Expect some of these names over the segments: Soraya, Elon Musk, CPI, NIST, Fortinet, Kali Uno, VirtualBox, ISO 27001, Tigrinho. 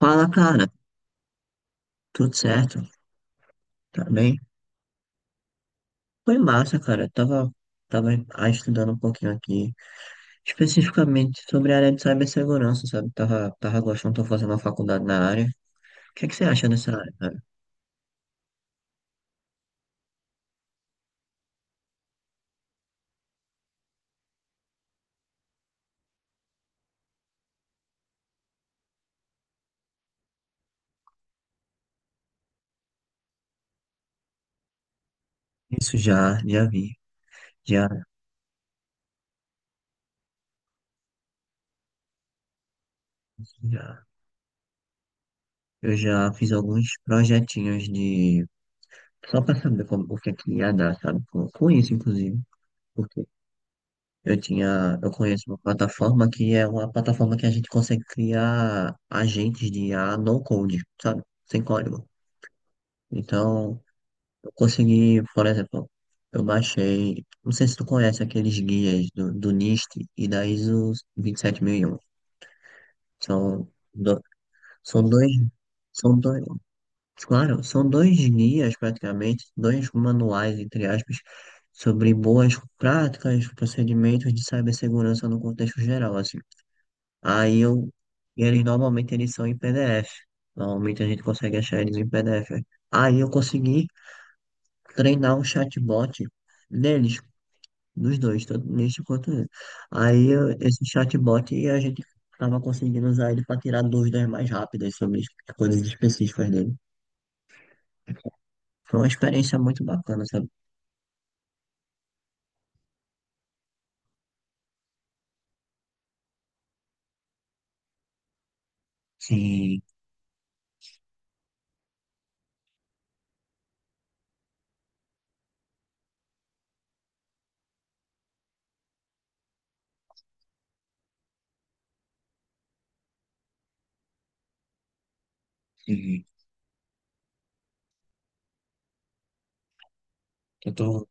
Fala, cara. Tudo certo? Tá bem? Foi massa, cara. Eu tava, estudando um pouquinho aqui, especificamente sobre a área de cibersegurança, sabe? Tava gostando, tô fazendo uma faculdade na área. O que é que você acha dessa área, cara? Isso já vi. Já, já. Eu já fiz alguns projetinhos de. Só pra saber como, o que é que ia dar, sabe? Com isso, inclusive. Eu conheço uma plataforma que é uma plataforma que a gente consegue criar agentes de IA no code, sabe? Sem código. Então, eu consegui, por exemplo, eu baixei, não sei se tu conhece aqueles guias do NIST e da ISO 27001. São, do, são dois, são dois, claro, são dois guias praticamente, dois manuais, entre aspas, sobre boas práticas, procedimentos de cibersegurança no contexto geral, assim. Aí eu, e eles normalmente eles são em PDF. Normalmente a gente consegue achar eles em PDF, né? Aí eu consegui treinar um chatbot neles, dos dois, tanto neste quanto nele. Esse chatbot a gente tava conseguindo usar ele para tirar dúvidas mais rápidas sobre as coisas específicas dele. Foi uma experiência muito bacana, sabe? Sim, sim. Eu tô.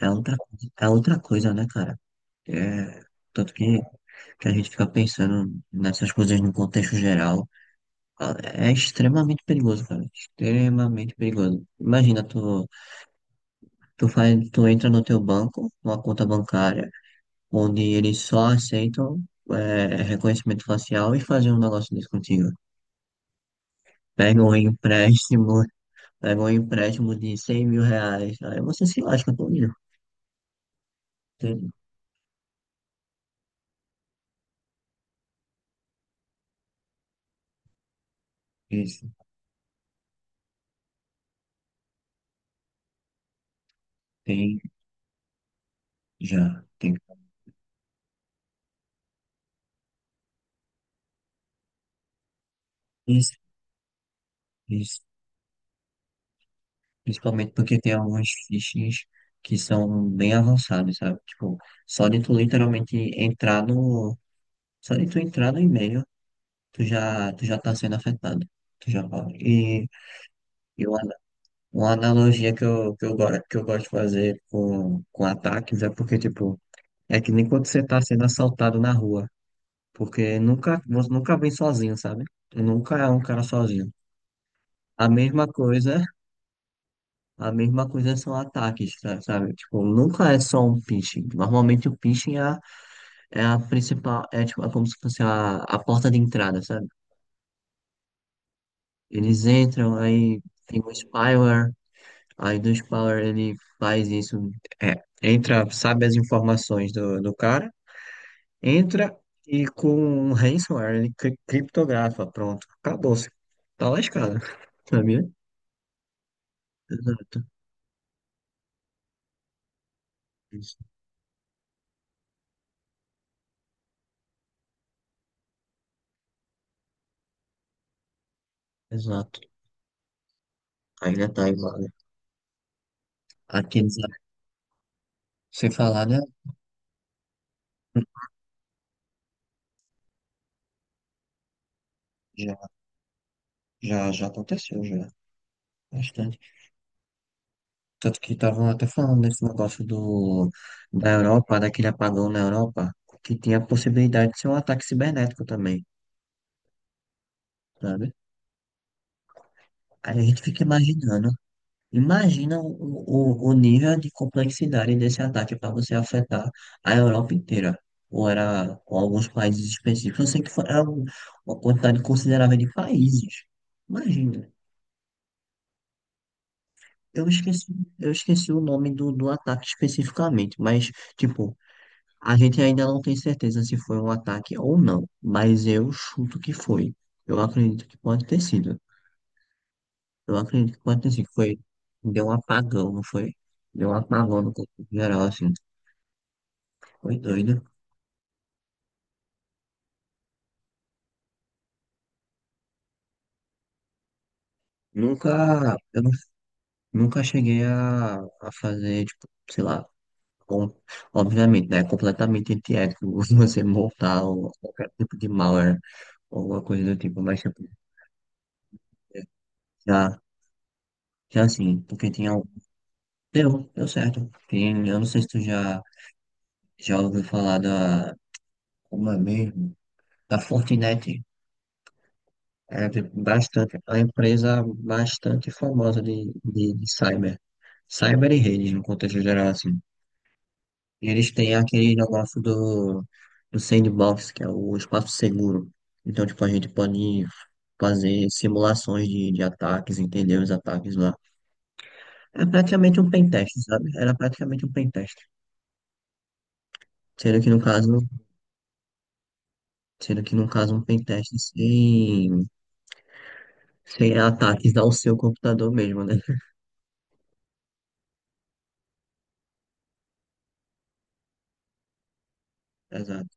É outra, é outra coisa, né, cara? É, tanto que a gente fica pensando nessas coisas no contexto geral, é extremamente perigoso, cara. Extremamente perigoso. Imagina, tu faz, tu entra no teu banco, numa conta bancária, onde eles só aceitam reconhecimento facial e fazer um negócio desse contigo. Pega um empréstimo, pega um empréstimo de R$ 100.000. Aí você se lasca todo. Tem isso, tem já, tem isso, isso. Principalmente porque tem alguns phishings que são bem avançados, sabe? Tipo, só de tu literalmente entrar no. Só de tu entrar no e-mail, tu já tá sendo afetado. Tu já pode. E uma analogia que eu gosto de fazer com ataques é porque, tipo, é que nem quando você tá sendo assaltado na rua. Porque nunca, você nunca vem sozinho, sabe? Tu nunca é um cara sozinho. A mesma coisa. A mesma coisa são ataques, sabe? Tipo, nunca é só um phishing. Normalmente o phishing é a principal, é tipo, é como se fosse a porta de entrada, sabe? Eles entram, aí tem um spyware, aí do spyware ele faz isso, é, entra, sabe as informações do cara, entra e com um ransomware ele criptografa, pronto, acabou-se. Tá lascado, sabia? Exato, isso, exato. Ainda tá igual. Aqueles, ah, Sem falar, né? Já, já aconteceu, já. Bastante. Tanto que estavam até falando desse negócio da Europa, daquele apagão na Europa, que tinha a possibilidade de ser um ataque cibernético também, sabe? Aí a gente fica imaginando. Imagina o nível de complexidade desse ataque para você afetar a Europa inteira. Ou era ou alguns países específicos. Eu sei que era uma quantidade considerável de países. Imagina. Eu esqueci, eu esqueci o nome do ataque especificamente, mas. Tipo, a gente ainda não tem certeza se foi um ataque ou não, mas eu chuto que foi. Eu acredito que pode ter sido. Eu acredito que pode ter sido. Deu um apagão, não foi? Deu um apagão no corpo geral, assim. Foi doido. Nunca, eu não- nunca cheguei a fazer, tipo, sei lá, com- obviamente, né? É completamente antiético você montar ou qualquer tipo de malware ou alguma coisa do tipo, mas tipo, já, já assim, porque tinha um. Deu certo. Eu não sei se tu já. Já ouviu falar da, como é mesmo? Da Fortinet. É bastante, é uma empresa bastante famosa de cyber. Cyber e redes, no contexto geral, assim. E eles têm aquele negócio do sandbox, que é o espaço seguro. Então, tipo, a gente pode fazer simulações de ataques, entender os ataques lá. É praticamente um pentest, sabe? Era praticamente um pentest. Sendo que no caso, sendo que no caso um pentest sem ataques ao seu computador mesmo, né? Exato.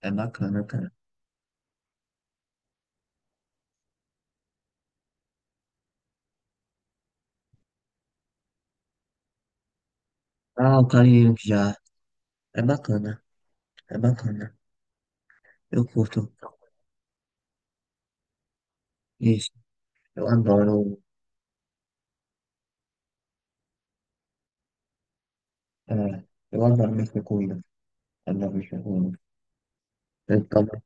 É bacana, cara. Ah, o Kali já. É bacana. É bacana. Eu curto isso. Eu adoro. É, eu adoro mexer com Windows. Adoro mexer com Windows. Eu, tomo-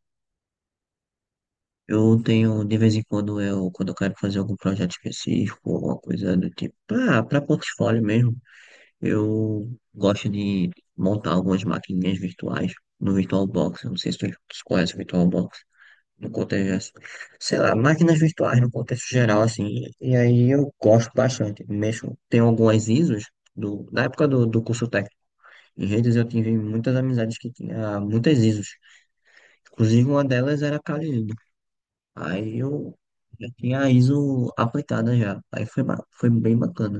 eu tenho, de vez em quando, quando eu quero fazer algum projeto específico, alguma coisa do tipo, pra portfólio mesmo, eu gosto de montar algumas maquininhas virtuais no VirtualBox. Eu não sei se tu conhece o VirtualBox, no contexto, sei lá, máquinas virtuais no contexto geral, assim, e aí eu gosto bastante, mexo, tem algumas ISOs, da época do curso técnico, em redes eu tive muitas amizades que tinha muitas ISOs, inclusive uma delas era a Kali Uno. Aí eu já tinha a ISO aplicada já, aí foi bem bacana.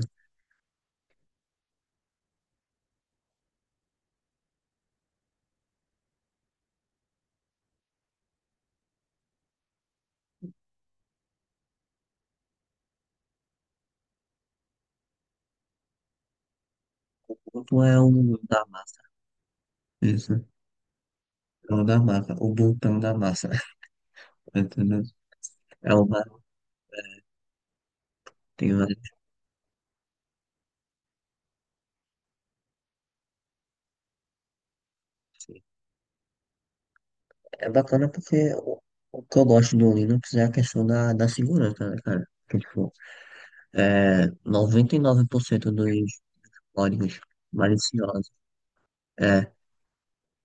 O outro é o da massa, isso, é o da massa, o botão da massa, entendeu? É uma, tem vários. É bacana porque o que eu gosto do Linux é a questão da segurança, né, cara? Que, tipo, 99% dos códigos maliciosos, é,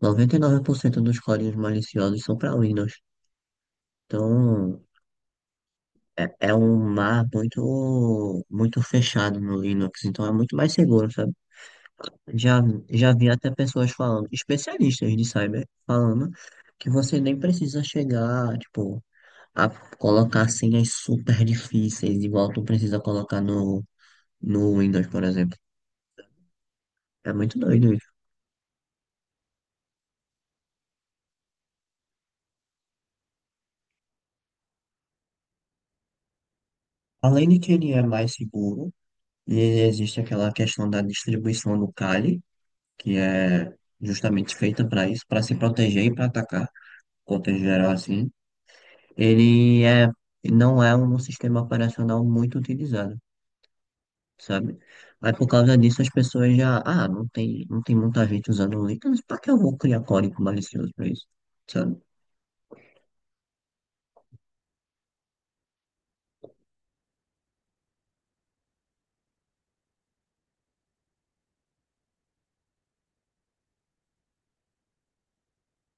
99% dos códigos maliciosos são para Windows. Então, é, é um mar muito, muito fechado no Linux, então é muito mais seguro, sabe? Já, já vi até pessoas falando, especialistas de cyber, falando que você nem precisa chegar, tipo, a colocar senhas super difíceis, igual tu precisa colocar no Windows, por exemplo. É muito doido isso. Além de que ele é mais seguro, e existe aquela questão da distribuição do Kali, que é justamente feita para isso, para se proteger e para atacar, contexto geral assim. Ele é, não é um sistema operacional muito utilizado, sabe? Aí por causa disso as pessoas já, não tem muita gente usando link, mas pra que eu vou criar código malicioso pra isso, sabe?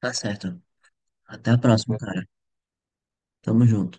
Tá certo. Até a próxima, cara. Tamo junto.